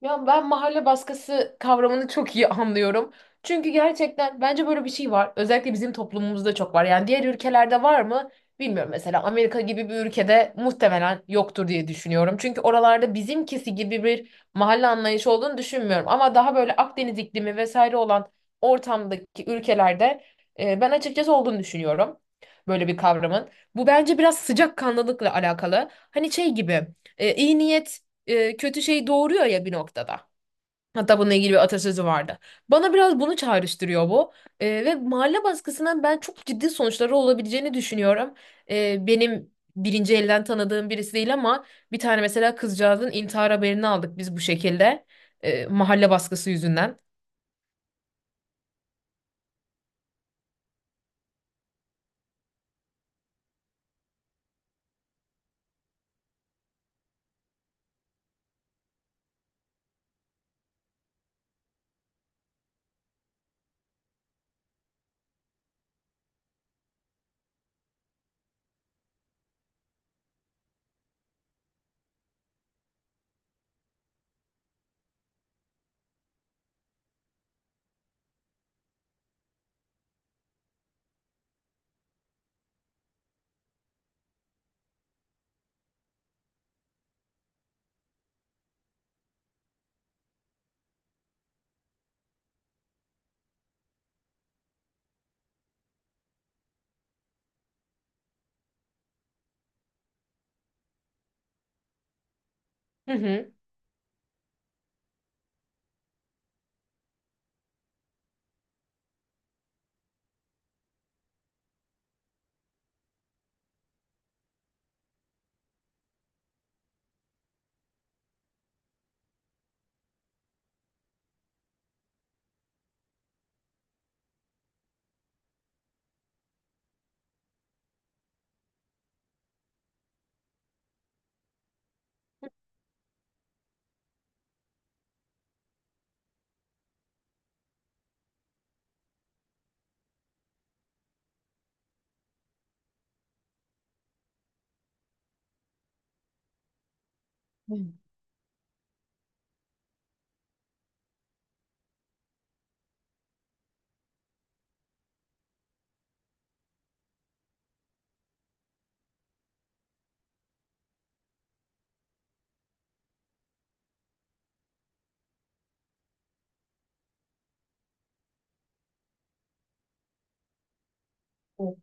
Ya ben mahalle baskısı kavramını çok iyi anlıyorum. Çünkü gerçekten bence böyle bir şey var. Özellikle bizim toplumumuzda çok var. Yani diğer ülkelerde var mı? Bilmiyorum. Mesela Amerika gibi bir ülkede muhtemelen yoktur diye düşünüyorum. Çünkü oralarda bizimkisi gibi bir mahalle anlayışı olduğunu düşünmüyorum. Ama daha böyle Akdeniz iklimi vesaire olan ortamdaki ülkelerde ben açıkçası olduğunu düşünüyorum. Böyle bir kavramın. Bu bence biraz sıcakkanlılıkla alakalı. Hani şey gibi iyi niyet kötü şey doğuruyor ya bir noktada. Hatta bununla ilgili bir atasözü vardı. Bana biraz bunu çağrıştırıyor bu. Ve mahalle baskısının ben çok ciddi sonuçları olabileceğini düşünüyorum. Benim birinci elden tanıdığım birisi değil ama bir tane mesela kızcağızın intihar haberini aldık biz bu şekilde. Mahalle baskısı yüzünden. Hı hı.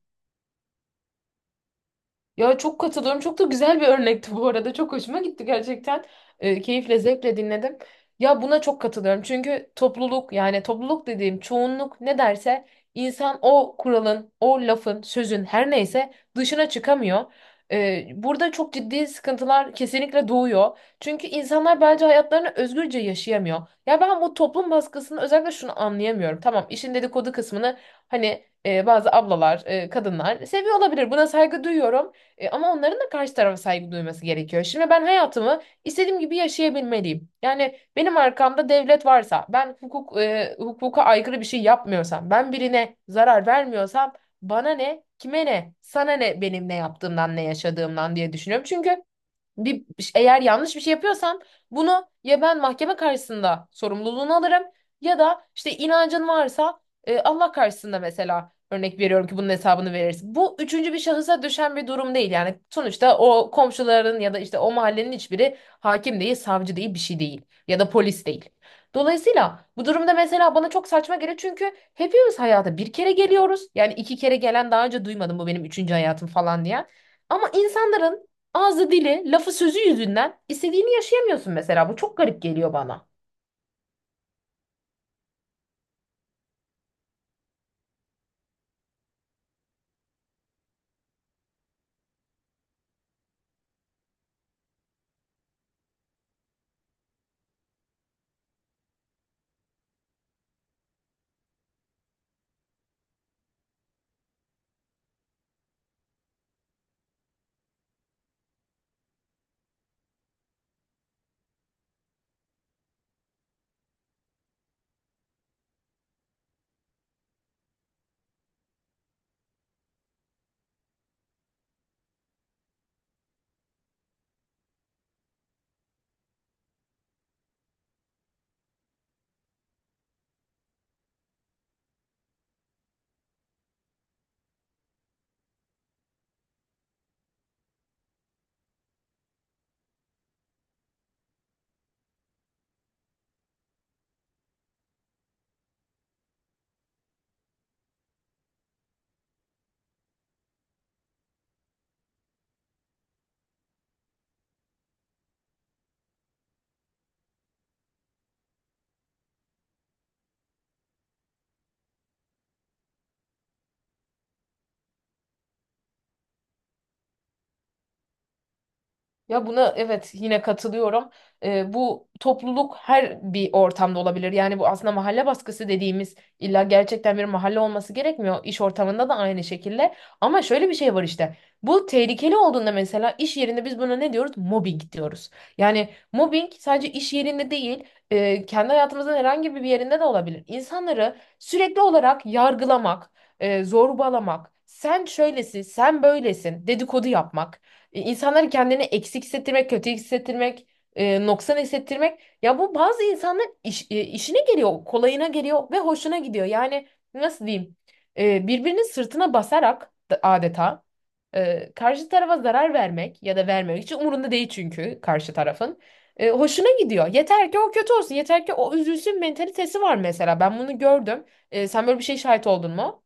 Ya çok katılıyorum. Çok da güzel bir örnekti bu arada. Çok hoşuma gitti gerçekten. Keyifle, zevkle dinledim. Ya buna çok katılıyorum. Çünkü topluluk yani topluluk dediğim çoğunluk ne derse insan o kuralın, o lafın, sözün her neyse dışına çıkamıyor. Burada çok ciddi sıkıntılar kesinlikle doğuyor. Çünkü insanlar bence hayatlarını özgürce yaşayamıyor. Ya ben bu toplum baskısını özellikle şunu anlayamıyorum. Tamam işin dedikodu kısmını hani bazı ablalar, kadınlar seviyor olabilir. Buna saygı duyuyorum. Ama onların da karşı tarafa saygı duyması gerekiyor. Şimdi ben hayatımı istediğim gibi yaşayabilmeliyim. Yani benim arkamda devlet varsa, ben hukuk hukuka aykırı bir şey yapmıyorsam, ben birine zarar vermiyorsam bana ne, kime ne, sana ne benim ne yaptığımdan, ne yaşadığımdan diye düşünüyorum. Çünkü bir eğer yanlış bir şey yapıyorsam bunu ya ben mahkeme karşısında sorumluluğunu alırım ya da işte inancın varsa Allah karşısında mesela örnek veriyorum ki bunun hesabını verirsin. Bu üçüncü bir şahısa düşen bir durum değil. Yani sonuçta o komşuların ya da işte o mahallenin hiçbiri hakim değil, savcı değil, bir şey değil ya da polis değil. Dolayısıyla bu durumda mesela bana çok saçma geliyor çünkü hepimiz hayata bir kere geliyoruz. Yani iki kere gelen daha önce duymadım bu benim üçüncü hayatım falan diye. Ama insanların ağzı dili, lafı sözü yüzünden istediğini yaşayamıyorsun mesela. Bu çok garip geliyor bana. Ya buna evet yine katılıyorum. Bu topluluk her bir ortamda olabilir. Yani bu aslında mahalle baskısı dediğimiz illa gerçekten bir mahalle olması gerekmiyor. İş ortamında da aynı şekilde. Ama şöyle bir şey var işte. Bu tehlikeli olduğunda mesela iş yerinde biz buna ne diyoruz? Mobbing diyoruz. Yani mobbing sadece iş yerinde değil, kendi hayatımızın herhangi bir yerinde de olabilir. İnsanları sürekli olarak yargılamak, zorbalamak, sen şöylesin, sen böylesin, dedikodu yapmak. İnsanları kendini eksik hissettirmek, kötü hissettirmek, noksan hissettirmek. Ya bu bazı insanların işine geliyor, kolayına geliyor ve hoşuna gidiyor. Yani nasıl diyeyim? Birbirinin sırtına basarak adeta karşı tarafa zarar vermek ya da vermemek için umurunda değil çünkü karşı tarafın. Hoşuna gidiyor. Yeter ki o kötü olsun, yeter ki o üzülsün mentalitesi var mesela. Ben bunu gördüm. Sen böyle bir şey şahit oldun mu?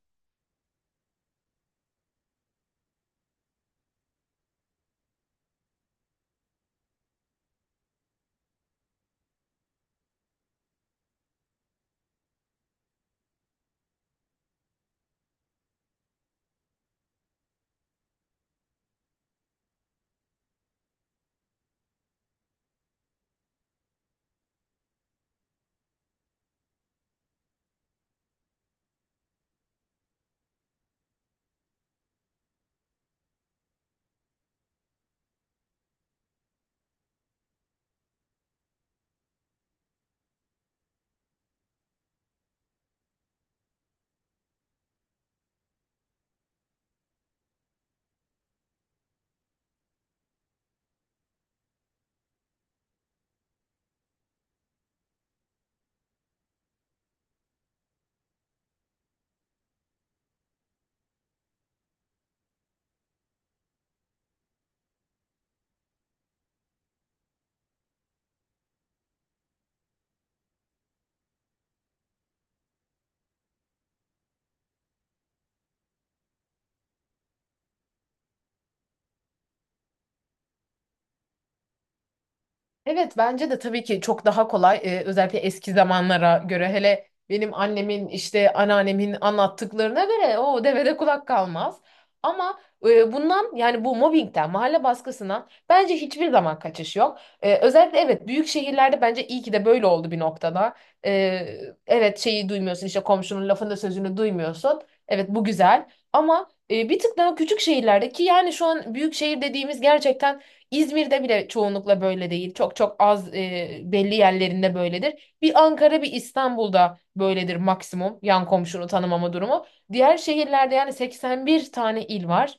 Evet bence de tabii ki çok daha kolay. Özellikle eski zamanlara göre hele benim annemin işte anneannemin anlattıklarına göre o devede kulak kalmaz. Ama bundan yani bu mobbingden mahalle baskısından bence hiçbir zaman kaçış yok. Özellikle evet büyük şehirlerde bence iyi ki de böyle oldu bir noktada. Ee, evet şeyi duymuyorsun işte komşunun lafını sözünü duymuyorsun. Evet bu güzel ama bir tık daha küçük şehirlerde ki yani şu an büyük şehir dediğimiz gerçekten İzmir'de bile çoğunlukla böyle değil. Çok çok az belli yerlerinde böyledir. Bir Ankara, bir İstanbul'da böyledir maksimum yan komşunu tanımama durumu. Diğer şehirlerde yani 81 tane il var.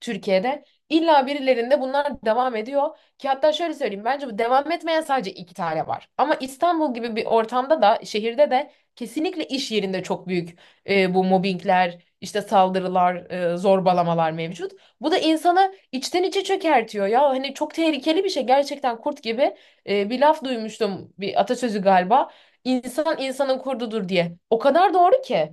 Türkiye'de. İlla birilerinde bunlar devam ediyor ki hatta şöyle söyleyeyim bence bu devam etmeyen sadece iki tane var. Ama İstanbul gibi bir ortamda da şehirde de kesinlikle iş yerinde çok büyük bu mobbingler, işte saldırılar, zorbalamalar mevcut. Bu da insanı içten içe çökertiyor ya hani çok tehlikeli bir şey gerçekten kurt gibi bir laf duymuştum bir atasözü galiba. İnsan insanın kurdudur diye. O kadar doğru ki.